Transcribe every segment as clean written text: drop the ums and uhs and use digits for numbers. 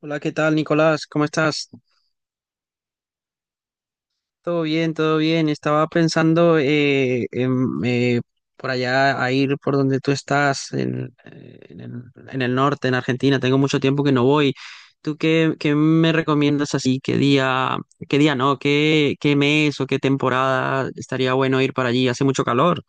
Hola, ¿qué tal, Nicolás? ¿Cómo estás? Todo bien, todo bien. Estaba pensando eh, por allá a ir por donde tú estás, en el norte, en Argentina. Tengo mucho tiempo que no voy. ¿Tú qué me recomiendas así? ¿Qué día no? ¿Qué mes o qué temporada estaría bueno ir para allí? Hace mucho calor.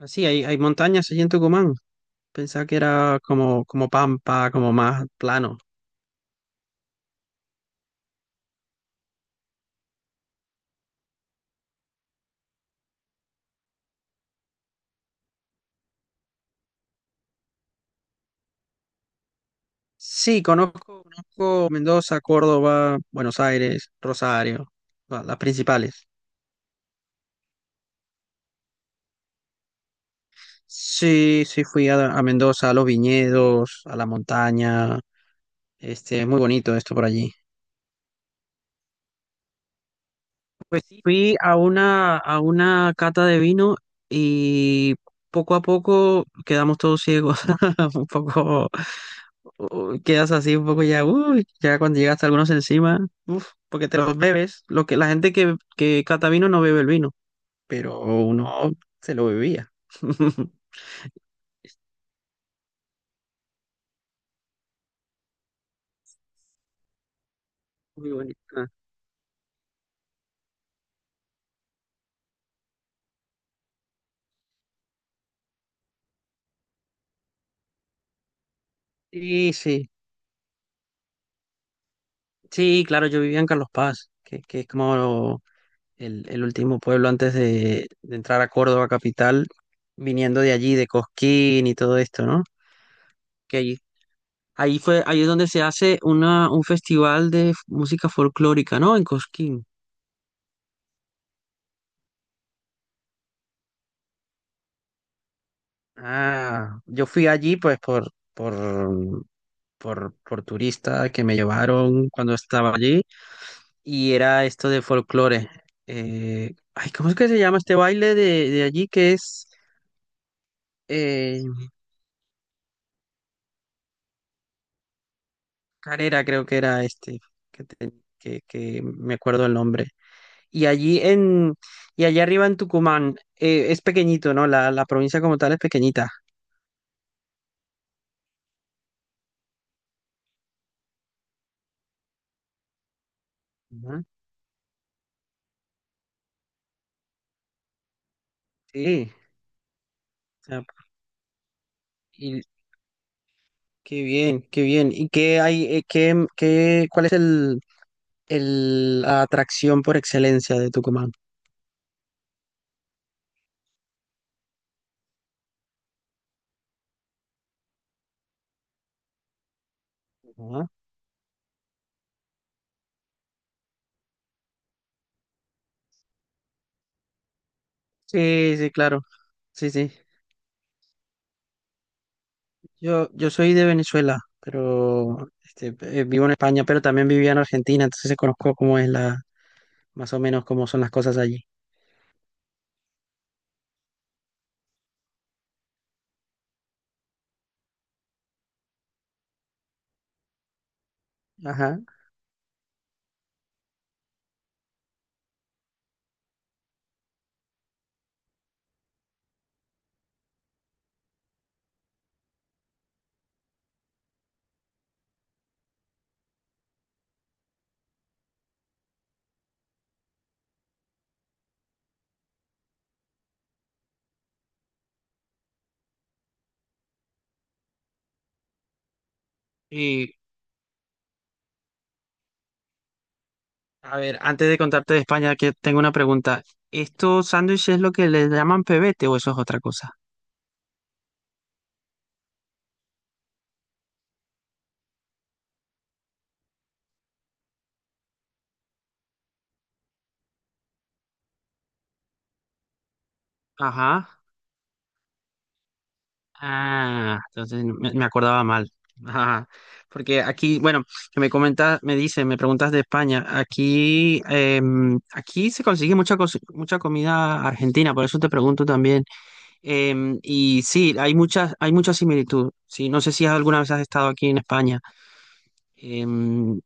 Así, hay montañas allí en Tucumán. Pensaba que era como pampa, como más plano. Sí, conozco Mendoza, Córdoba, Buenos Aires, Rosario, las principales. Sí, sí, fui a Mendoza, a los viñedos, a la montaña. Este, es muy bonito esto por allí. Pues sí, fui a a una cata de vino y poco a poco quedamos todos ciegos. Un poco, quedas así un poco ya, uy, ya cuando llegaste a algunos encima, uf, porque te los bebes. La gente que cata vino no bebe el vino, pero uno se lo bebía. Muy bonita. Sí, sí, sí, claro, yo vivía en Carlos Paz, que es como el último pueblo antes de entrar a Córdoba capital, viniendo de allí, de Cosquín y todo esto, ¿no? Que ahí, ahí fue, ahí es donde se hace una, un festival de música folclórica, ¿no? En Cosquín. Ah, yo fui allí pues por turista, que me llevaron cuando estaba allí, y era esto de folclore. Ay, ¿cómo es que se llama este baile de allí, que es eh, carera, creo que era este, que, te- que me acuerdo el nombre. Y allí en, y allá arriba en Tucumán, es pequeñito, ¿no? La provincia como tal es pequeñita. Ujú. Sí, o sea, y qué bien, qué bien. ¿Y qué hay, cuál es el, la atracción por excelencia de Tucumán? Ujú. Sí, sí, claro. Sí, sí. Yo soy de Venezuela, pero este, vivo en España, pero también vivía en Argentina, entonces conozco cómo es más o menos cómo son las cosas allí. Ajá. Y a ver, antes de contarte de España, que tengo una pregunta. ¿Estos sándwiches es lo que le llaman pebete o eso es otra cosa? Ajá. Ah, entonces me acordaba mal. Ajá. Porque aquí, bueno, que me comentas, me dices, me preguntas de España. Aquí, aquí se consigue mucha, mucha comida argentina, por eso te pregunto también. Y sí, hay muchas, hay mucha similitud. Sí, no sé si alguna vez has estado aquí en España. Em,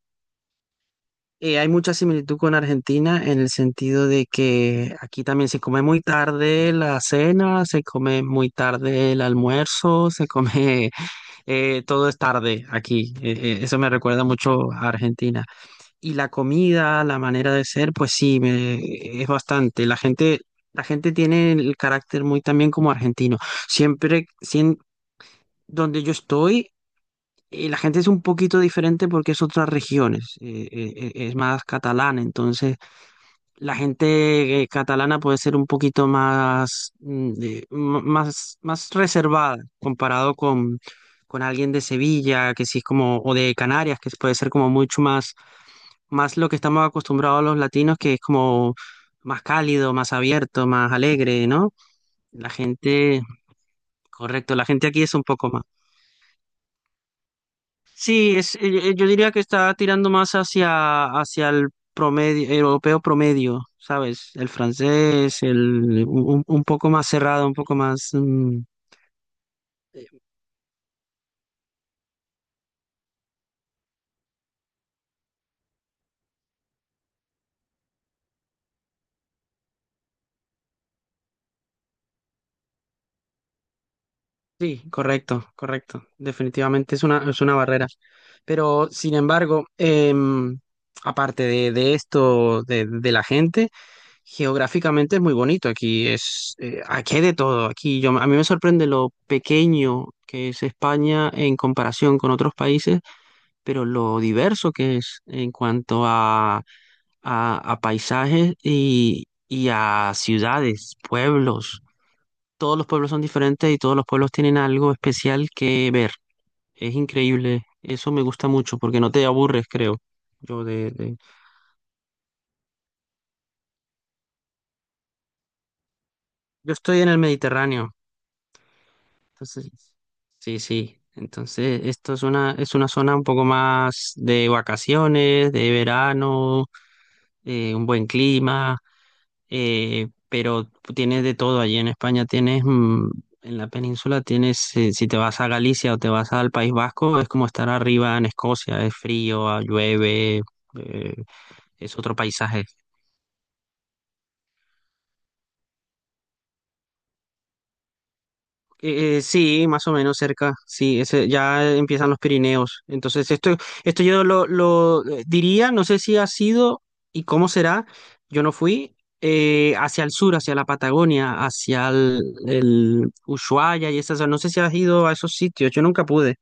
hay mucha similitud con Argentina en el sentido de que aquí también se come muy tarde la cena, se come muy tarde el almuerzo, se come todo es tarde aquí. Eso me recuerda mucho a Argentina. Y la comida, la manera de ser, pues sí, me, es bastante. La gente tiene el carácter muy también como argentino siempre, donde yo estoy, la gente es un poquito diferente porque es otras regiones, es más catalana, entonces la gente catalana puede ser un poquito más, mm, más reservada comparado con alguien de Sevilla, que sí es como, o de Canarias, que puede ser como mucho más, más lo que estamos acostumbrados los latinos, que es como más cálido, más abierto, más alegre, ¿no? La gente, correcto, la gente aquí es un poco más. Sí, es, yo diría que está tirando más hacia el promedio, europeo promedio, ¿sabes? El francés, un poco más cerrado, un poco más... mm, eh, sí, correcto, correcto. Definitivamente es una barrera. Pero, sin embargo, em, aparte de esto, de la gente, geográficamente es muy bonito. Aquí es, aquí hay de todo. Aquí yo, a mí me sorprende lo pequeño que es España en comparación con otros países, pero lo diverso que es en cuanto a paisajes y a ciudades, pueblos. Todos los pueblos son diferentes y todos los pueblos tienen algo especial que ver. Es increíble. Eso me gusta mucho porque no te aburres, creo. Yo de, de- yo estoy en el Mediterráneo. Entonces, sí, sí. Entonces, esto es una zona un poco más de vacaciones, de verano, un buen clima. Eh, pero tienes de todo allí en España, tienes, mm, en la península tienes, si te vas a Galicia o te vas al País Vasco, es como estar arriba en Escocia, es frío, ah, llueve, eh, es otro paisaje. Sí, más o menos cerca, sí, ese, ya empiezan los Pirineos. Entonces, esto yo diría, no sé si ha sido y cómo será, yo no fui, hacia el sur, hacia la Patagonia, el Ushuaia y esas, no sé si has ido a esos sitios, yo nunca pude.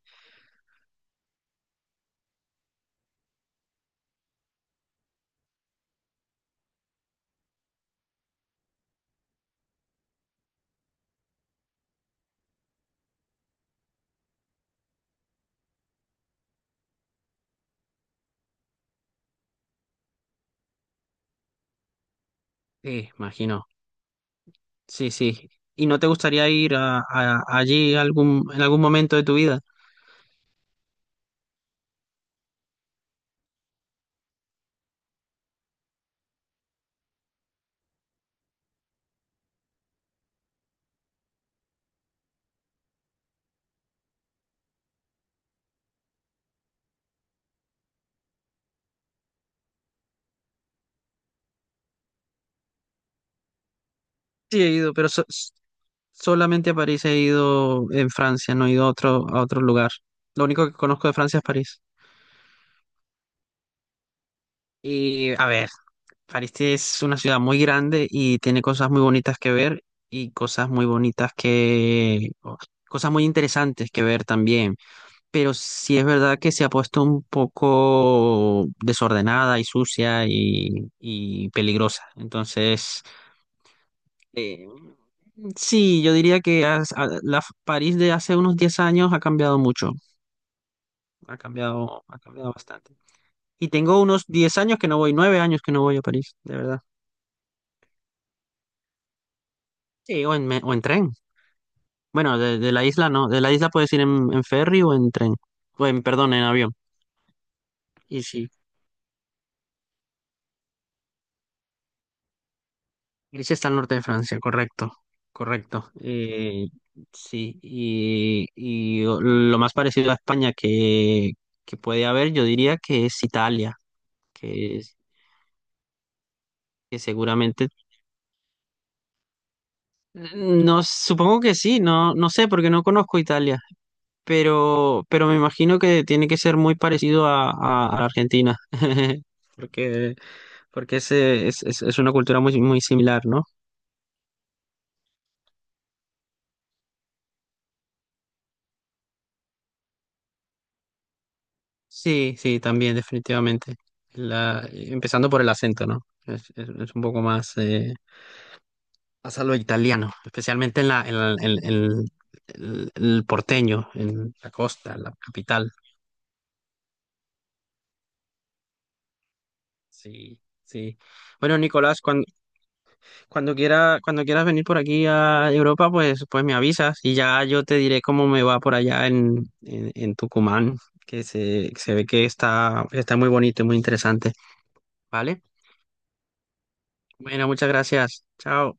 Sí, imagino, sí, sí. ¿Y no te gustaría ir allí algún, en algún momento de tu vida? Sí, he ido, pero solamente a París he ido en Francia, no he ido a otro lugar. Lo único que conozco de Francia es París. Y a ver, París es una ciudad muy grande y tiene cosas muy bonitas que ver y cosas muy bonitas que... o cosas muy interesantes que ver también. Pero sí es verdad que se ha puesto un poco desordenada y sucia y peligrosa. Entonces, eh, sí, yo diría que la París de hace unos 10 años ha cambiado mucho. Ha cambiado, ha cambiado bastante. Y tengo unos 10 años que no voy, 9 años que no voy a París, de verdad. Sí, o en tren. Bueno, de la isla no, de la isla puedes ir en ferry o en tren, o en, perdón, en avión. Y sí, Grecia está al norte de Francia, correcto, correcto. Sí, y lo más parecido a España que puede haber, yo diría que es Italia, que, es- que seguramente, no, supongo que sí, no, no sé, porque no conozco Italia. Pero me imagino que tiene que ser muy parecido a Argentina, porque, porque ese es una cultura muy, muy similar, ¿no? Sí, sí, también, definitivamente. Empezando por el acento, ¿no? Es un poco más, más a lo italiano, especialmente en el porteño, en la costa, la capital. Sí, sí. Bueno, Nicolás, cuando quiera, cuando quieras venir por aquí a Europa, pues, pues me avisas y ya yo te diré cómo me va por allá en Tucumán, que se ve que está, está muy bonito y muy interesante. ¿Vale? Bueno, muchas gracias. Chao.